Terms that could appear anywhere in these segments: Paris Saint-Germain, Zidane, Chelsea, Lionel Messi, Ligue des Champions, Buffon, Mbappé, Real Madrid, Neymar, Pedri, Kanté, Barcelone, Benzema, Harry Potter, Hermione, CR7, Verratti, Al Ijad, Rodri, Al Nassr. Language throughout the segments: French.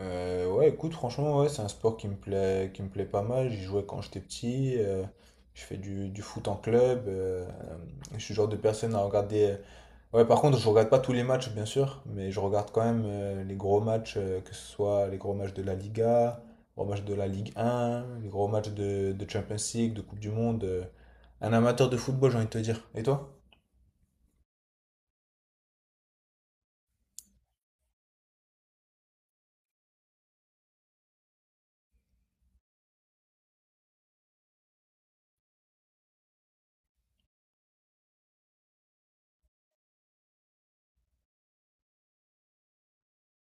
Ouais, écoute, franchement, ouais, c'est un sport qui me plaît pas mal. J'y jouais quand j'étais petit. Je fais du foot en club. Je suis le genre de personne à regarder. Ouais, par contre, je regarde pas tous les matchs, bien sûr, mais je regarde quand même les gros matchs, que ce soit les gros matchs de la Liga, les gros matchs de la Ligue 1, les gros matchs de Champions League, de Coupe du Monde. Un amateur de football, j'ai envie de te dire. Et toi?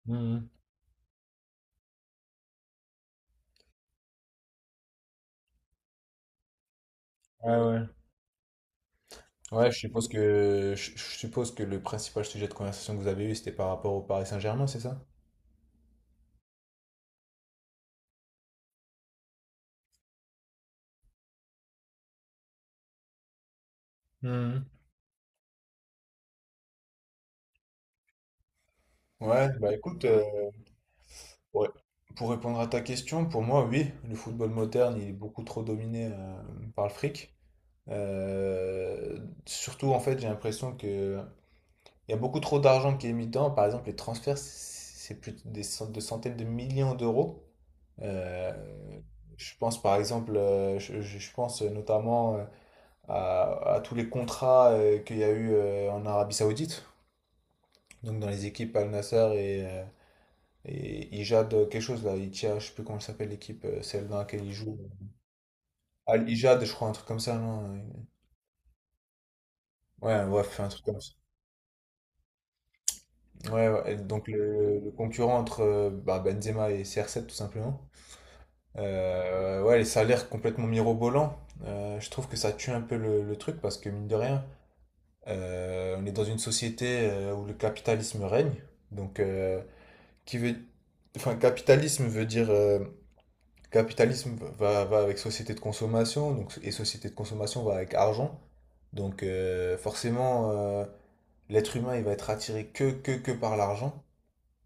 Mhm. Ouais, ouais. Ouais, je suppose que le principal sujet de conversation que vous avez eu, c'était par rapport au Paris Saint-Germain, c'est ça? Mhm. Ouais, bah écoute, ouais. Pour répondre à ta question, pour moi, oui, le football moderne, il est beaucoup trop dominé par le fric. Euh, Surtout, en fait, j'ai l'impression que il y a beaucoup trop d'argent qui est mis dedans. Par exemple, les transferts, c'est plus de centaines de millions d'euros. Euh, je pense, par exemple, je pense notamment à tous les contrats qu'il y a eu en Arabie Saoudite. Donc dans les équipes Al Nassr et Ijad, quelque chose là, Itia, je sais plus comment s'appelle l'équipe, celle dans laquelle il joue. Al Ijad, je crois, un truc comme ça, non? Ouais, bref, un truc comme ça. Ouais, ouais, et donc le concurrent entre bah, Benzema et CR7 tout simplement. Ouais, les salaires complètement mirobolants. Je trouve que ça tue un peu le truc parce que mine de rien, on est dans une société où le capitalisme règne. Donc, qui veut, enfin, capitalisme veut dire capitalisme va avec société de consommation, donc et société de consommation va avec argent. Donc forcément, l'être humain il va être attiré que par l'argent.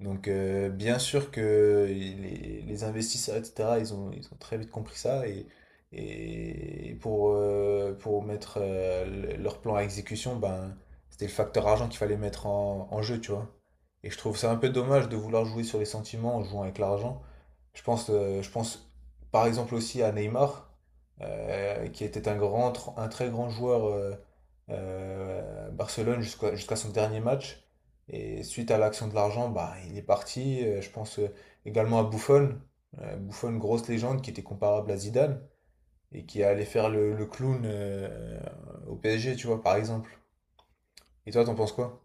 Donc bien sûr que les investisseurs, etc., ils ont très vite compris ça et pour mettre leur plan à exécution, ben, c'était le facteur argent qu'il fallait mettre en jeu, tu vois. Et je trouve ça un peu dommage de vouloir jouer sur les sentiments en jouant avec l'argent. Je pense par exemple aussi à Neymar, qui était un grand, un très grand joueur à Barcelone jusqu'à son dernier match. Et suite à l'action de l'argent, bah, il est parti. Je pense également à Buffon. Buffon, grosse légende qui était comparable à Zidane et qui allait faire le clown au PSG, tu vois, par exemple. Et toi, t'en penses quoi?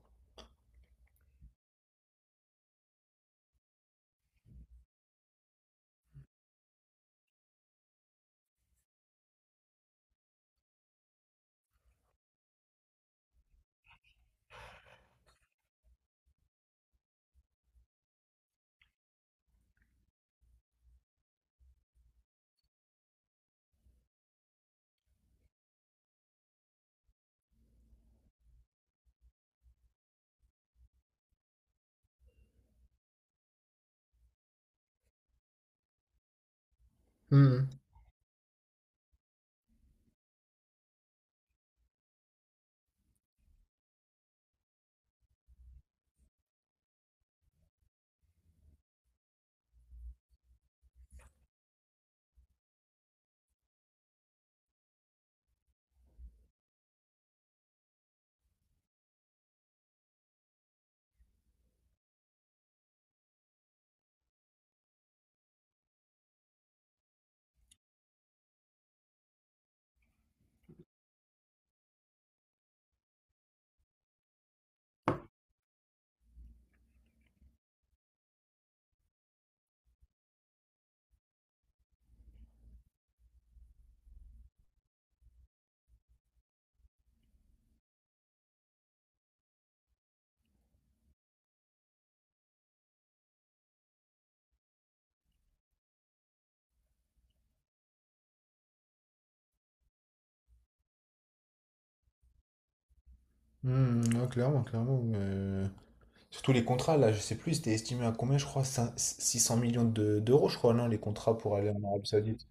Hmm, ouais, clairement, clairement. Surtout les contrats, là, je sais plus, c'était estimé à combien, je crois, 600 millions d'euros, je crois, non, les contrats pour aller en Arabie Saoudite.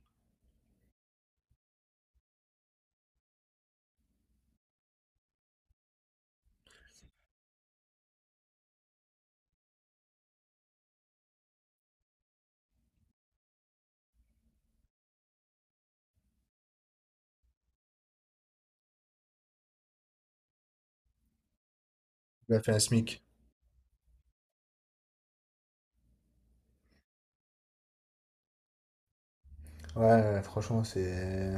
Il a fait un SMIC. Ouais, franchement, c'est.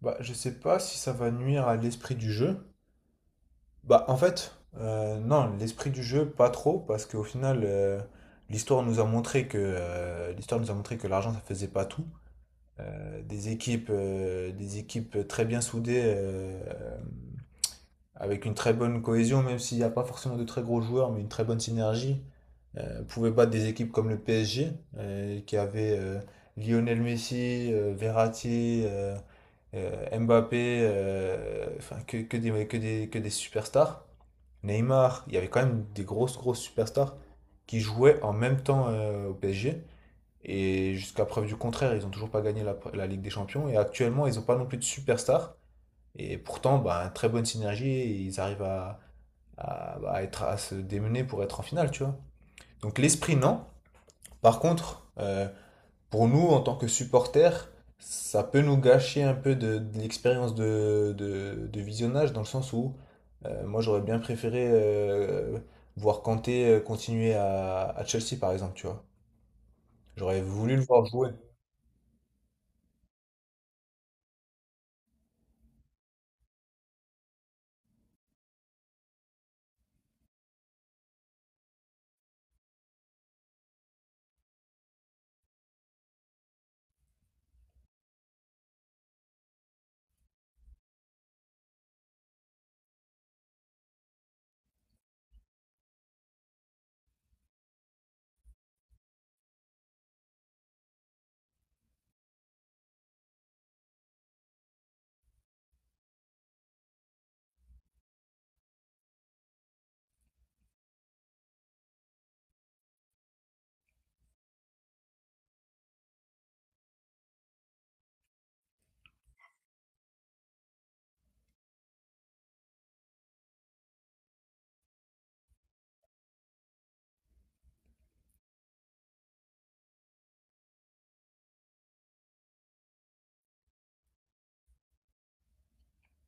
Bah, je sais pas si ça va nuire à l'esprit du jeu. Bah, en fait, non, l'esprit du jeu, pas trop, parce qu'au final, l'histoire nous a montré que l'argent, ça faisait pas tout. Des équipes très bien soudées avec une très bonne cohésion, même s'il n'y a pas forcément de très gros joueurs, mais une très bonne synergie, pouvait battre des équipes comme le PSG, qui avait Lionel Messi, Verratti, Mbappé, enfin que des superstars. Neymar, il y avait quand même des grosses, grosses superstars qui jouaient en même temps au PSG. Et jusqu'à preuve du contraire, ils n'ont toujours pas gagné la Ligue des Champions. Et actuellement, ils n'ont pas non plus de superstars et pourtant, bah, très bonne synergie, et ils arrivent à, bah, être, à se démener pour être en finale, tu vois. Donc l'esprit, non. Par contre, pour nous, en tant que supporters, ça peut nous gâcher un peu de l'expérience de visionnage, dans le sens où moi, j'aurais bien préféré voir Kanté continuer à Chelsea, par exemple, tu vois. J'aurais voulu le voir jouer.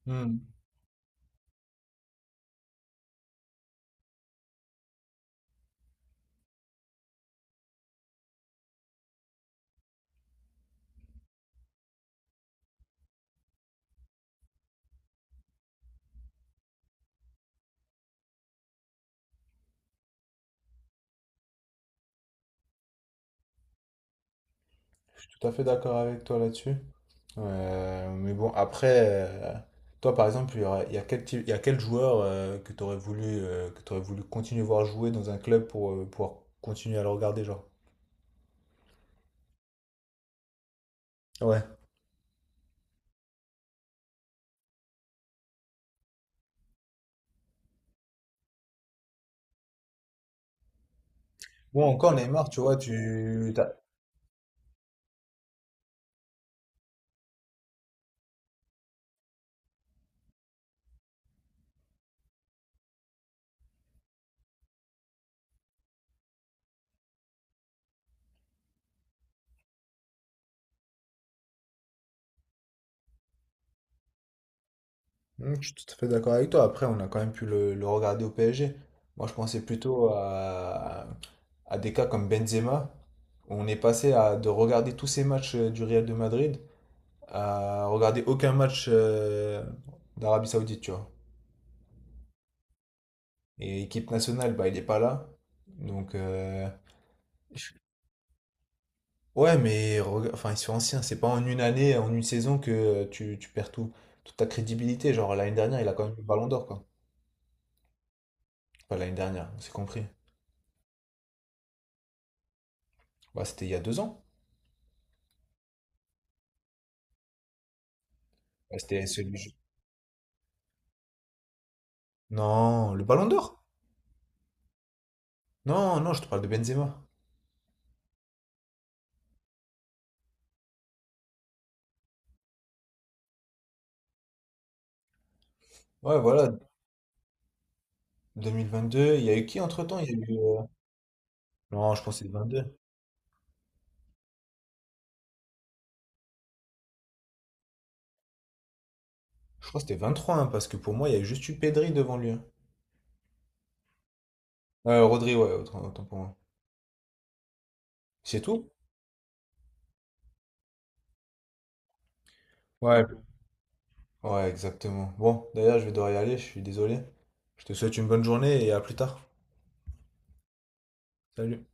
Hmm, tout à fait d'accord avec toi là-dessus. Mais bon, après, toi par exemple, il y a quel joueur que tu aurais voulu, que tu voulu continuer à voir jouer dans un club pour pouvoir continuer à le regarder, genre? Ouais. Ou encore Neymar, tu vois, Hmm, je suis tout à fait d'accord avec toi. Après, on a quand même pu le regarder au PSG. Moi, je pensais plutôt à des cas comme Benzema. Où on est passé à, de regarder tous ces matchs du Real de Madrid à regarder aucun match d'Arabie Saoudite, tu vois. Et équipe nationale, bah, il est pas là. Donc, je- ouais, mais enfin, ils sont anciens. C'est pas en une année, en une saison que tu perds tout, toute ta crédibilité. Genre, l'année dernière, il a quand même eu le ballon d'or, quoi. Pas l'année dernière, on s'est compris. Bah, c'était il y a 2 ans. Bah, c'était celui. Non, le ballon d'or? Non, non, je te parle de Benzema. Ouais, voilà, 2022. Il y a eu qui entre-temps? Il y a eu. Non, je pense que c'est 22. Je crois que c'était 23, hein, parce que pour moi, il y a juste eu Pedri devant lui. Hein. Rodri, ouais, autant pour moi. C'est tout? Ouais, ouais, exactement. Bon, d'ailleurs, je vais devoir y aller, je suis désolé. Je te souhaite une bonne journée et à plus tard. Salut.